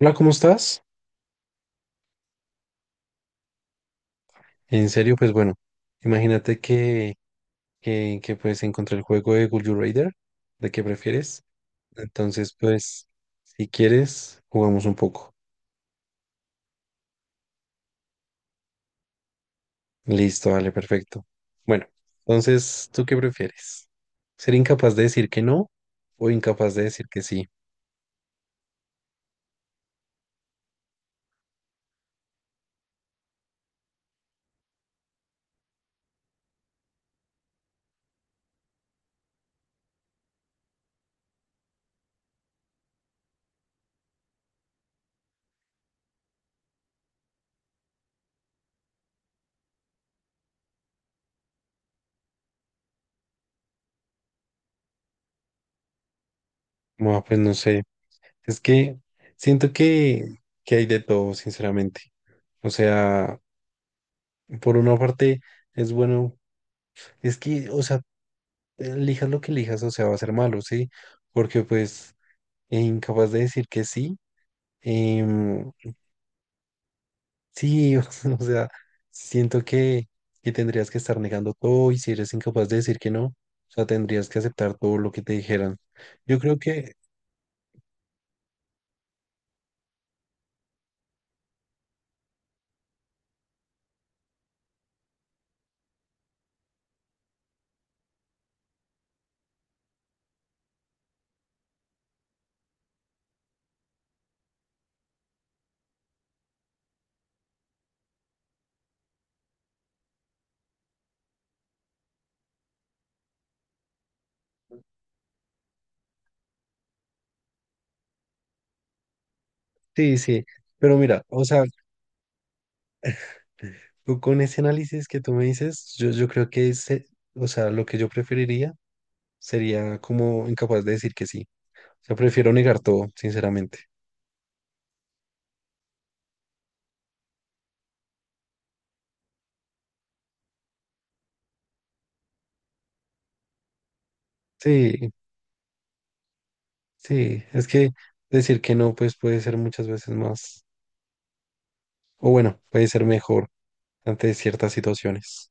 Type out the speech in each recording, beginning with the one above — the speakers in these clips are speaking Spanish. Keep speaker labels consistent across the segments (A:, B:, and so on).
A: Hola, ¿cómo estás? En serio, pues bueno, imagínate que pues encontré el juego de Would You Rather, de qué prefieres. Entonces, pues, si quieres, jugamos un poco. Listo, vale, perfecto. Bueno, entonces, ¿tú qué prefieres? ¿Ser incapaz de decir que no o incapaz de decir que sí? Bueno, pues no sé. Es que siento que hay de todo, sinceramente. O sea, por una parte es bueno, es que, o sea, elijas lo que elijas, o sea, va a ser malo, ¿sí? Porque pues incapaz de decir que sí, em, sí, o sea, siento que tendrías que estar negando todo y si eres incapaz de decir que no, o sea, tendrías que aceptar todo lo que te dijeran. Yo creo que, sí, sí, pero mira, o sea, tú con ese análisis que tú me dices, yo creo que, ese, o sea, lo que yo preferiría sería como incapaz de decir que sí. O sea, prefiero negar todo, sinceramente. Sí, sí, es que decir que no, pues puede ser muchas veces más, o bueno, puede ser mejor ante ciertas situaciones.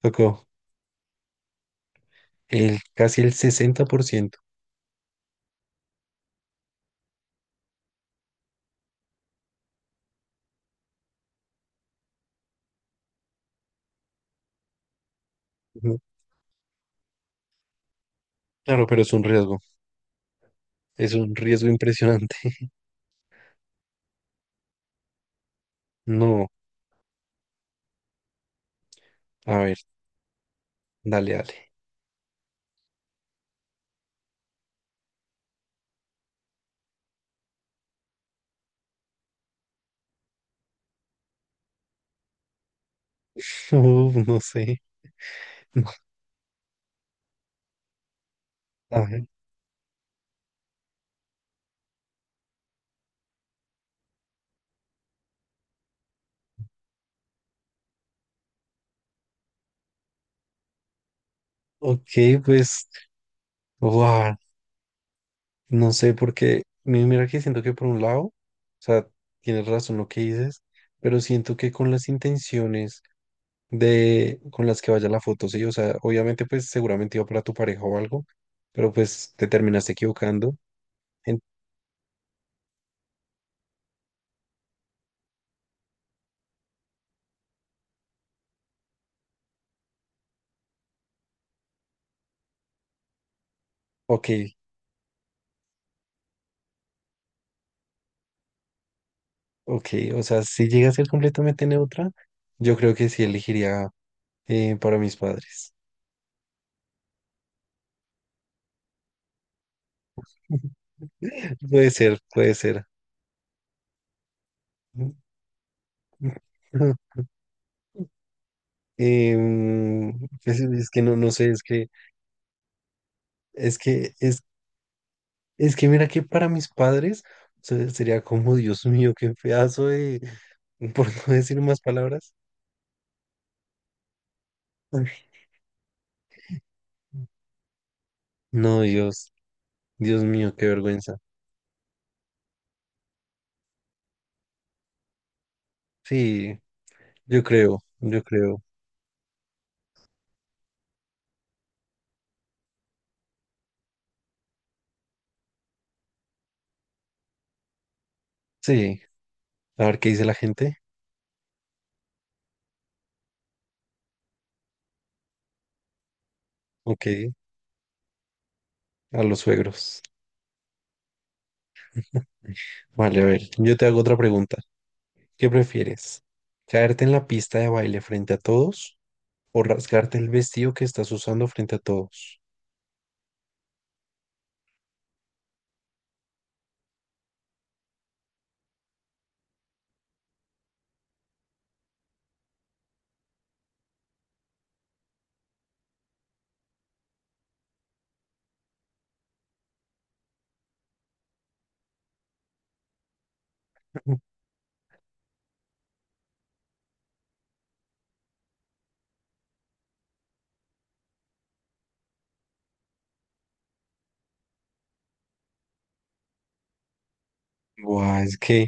A: Tocó el casi el 60%. Ujú. Claro, pero es un riesgo impresionante. No, a ver, dale, dale. Uf, no sé. A ver, ok, pues, wow, no sé, porque mira que siento que por un lado, o sea, tienes razón lo que dices, pero siento que con las intenciones de con las que vaya la foto, sí, o sea, obviamente pues seguramente iba para tu pareja o algo, pero pues te terminaste equivocando. En- ok, ok, o sea, si llega a ser completamente neutra, yo creo que sí elegiría para mis padres. Puede ser, puede ser. Em, pues, es que no, no sé, es que, es Es que mira que para mis padres sería como, Dios mío, qué pedazo de, por no decir más palabras. Ay. No, Dios, Dios mío, qué vergüenza. Sí, yo creo, yo creo. Sí, a ver qué dice la gente. Ok, a los suegros. Vale, a ver, yo te hago otra pregunta. ¿Qué prefieres? ¿Caerte en la pista de baile frente a todos o rasgarte el vestido que estás usando frente a todos? Buah, es que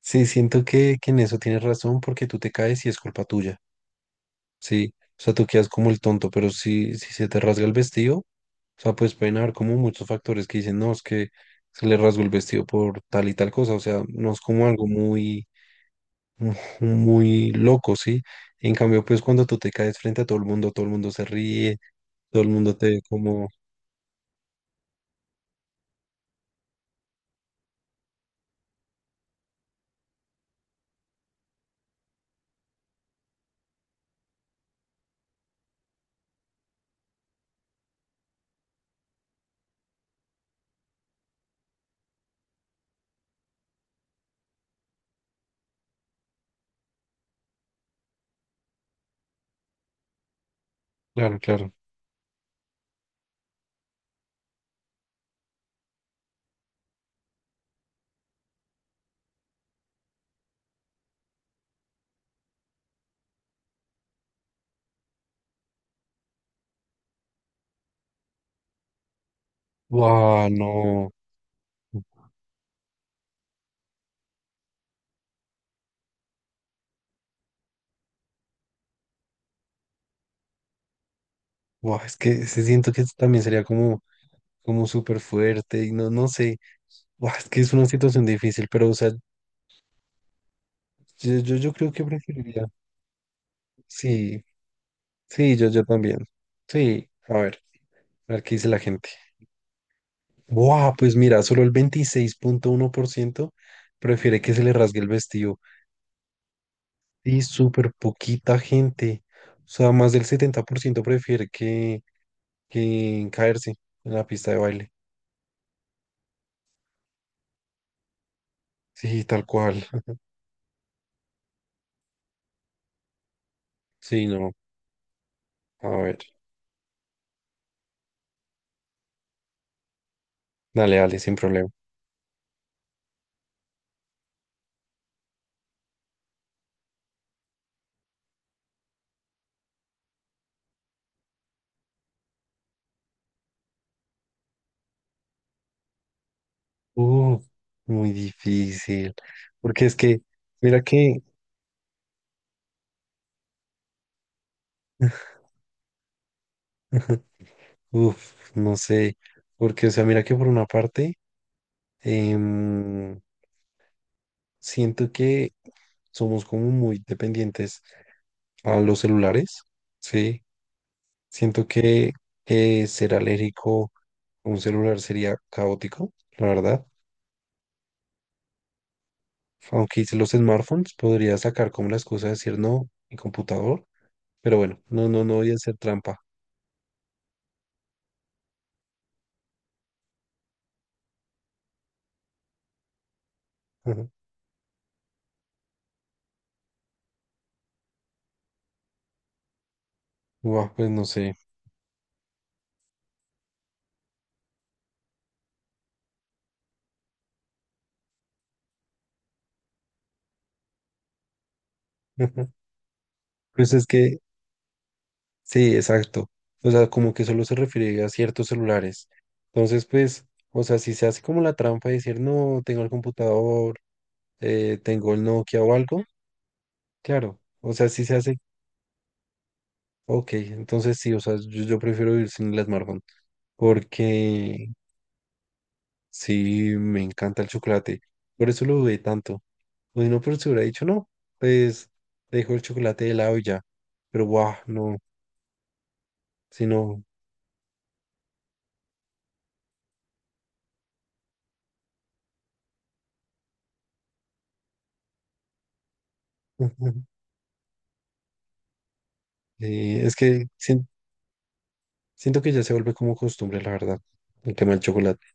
A: sí, siento que en eso tienes razón porque tú te caes y es culpa tuya. Sí, o sea, tú quedas como el tonto, pero si se te rasga el vestido, o sea, pues pueden haber como muchos factores que dicen, no, es que se le rasgó el vestido por tal y tal cosa, o sea, no es como algo muy, mu- muy loco, ¿sí? En cambio, pues cuando tú te caes frente a todo el mundo se ríe, todo el mundo te ve como, claro, claro, wow, no, wow, es que se siento que también sería como, como súper fuerte y no, no sé, guau, es que es una situación difícil, pero, o sea, yo creo que preferiría. Sí, sí, yo también. Sí, a ver qué dice la gente. ¡Wow! Pues mira, solo el 26,1% prefiere que se le rasgue el vestido. Y súper poquita gente. O sea, más del 70% prefiere que caerse en la pista de baile. Sí, tal cual. Sí, no. A ver, dale, dale, sin problema. Uh, muy difícil. Porque es que, mira que, uf, no sé. Porque, o sea, mira que por una parte. Em, siento que somos como muy dependientes a los celulares, ¿sí? Siento que ser alérgico a un celular sería caótico, la verdad. Aunque hice los smartphones, podría sacar como las cosas, decir no, mi computador, pero bueno, no, no, no voy a hacer trampa. Guau, pues no sé. Pues es que sí, exacto. O sea, como que solo se refiere a ciertos celulares. Entonces, pues, o sea, si se hace como la trampa de decir, no, tengo el computador, tengo el Nokia o algo, claro. O sea, si se hace, ok, entonces sí, o sea, yo prefiero vivir sin el smartphone porque sí, me encanta el chocolate. Por eso lo dudé tanto. O si no, pero se hubiera dicho, no, pues, dejo el chocolate de lado y ya. Pero, guau, no, si no. Eh, es que sien- Siento que ya se vuelve como costumbre, la verdad, el tema del chocolate.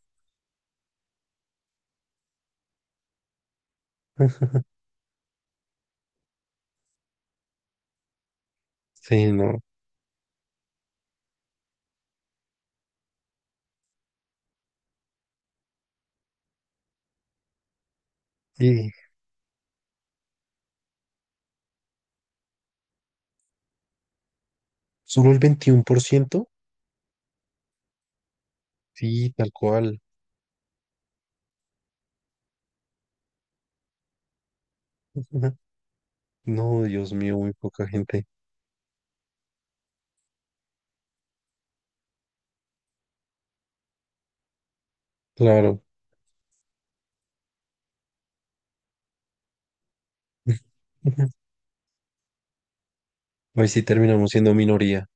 A: Sí, no. Y solo el 21% sí, tal cual. Ujú. No, Dios mío, muy poca gente. Claro. Hoy sí terminamos siendo minoría.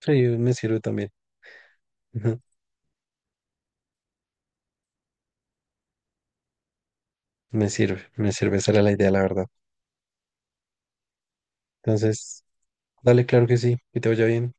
A: Sí, me sirve también. Ujú. Me sirve, me sirve. Esa era la idea, la verdad. Entonces, dale, claro que sí, que te vaya bien.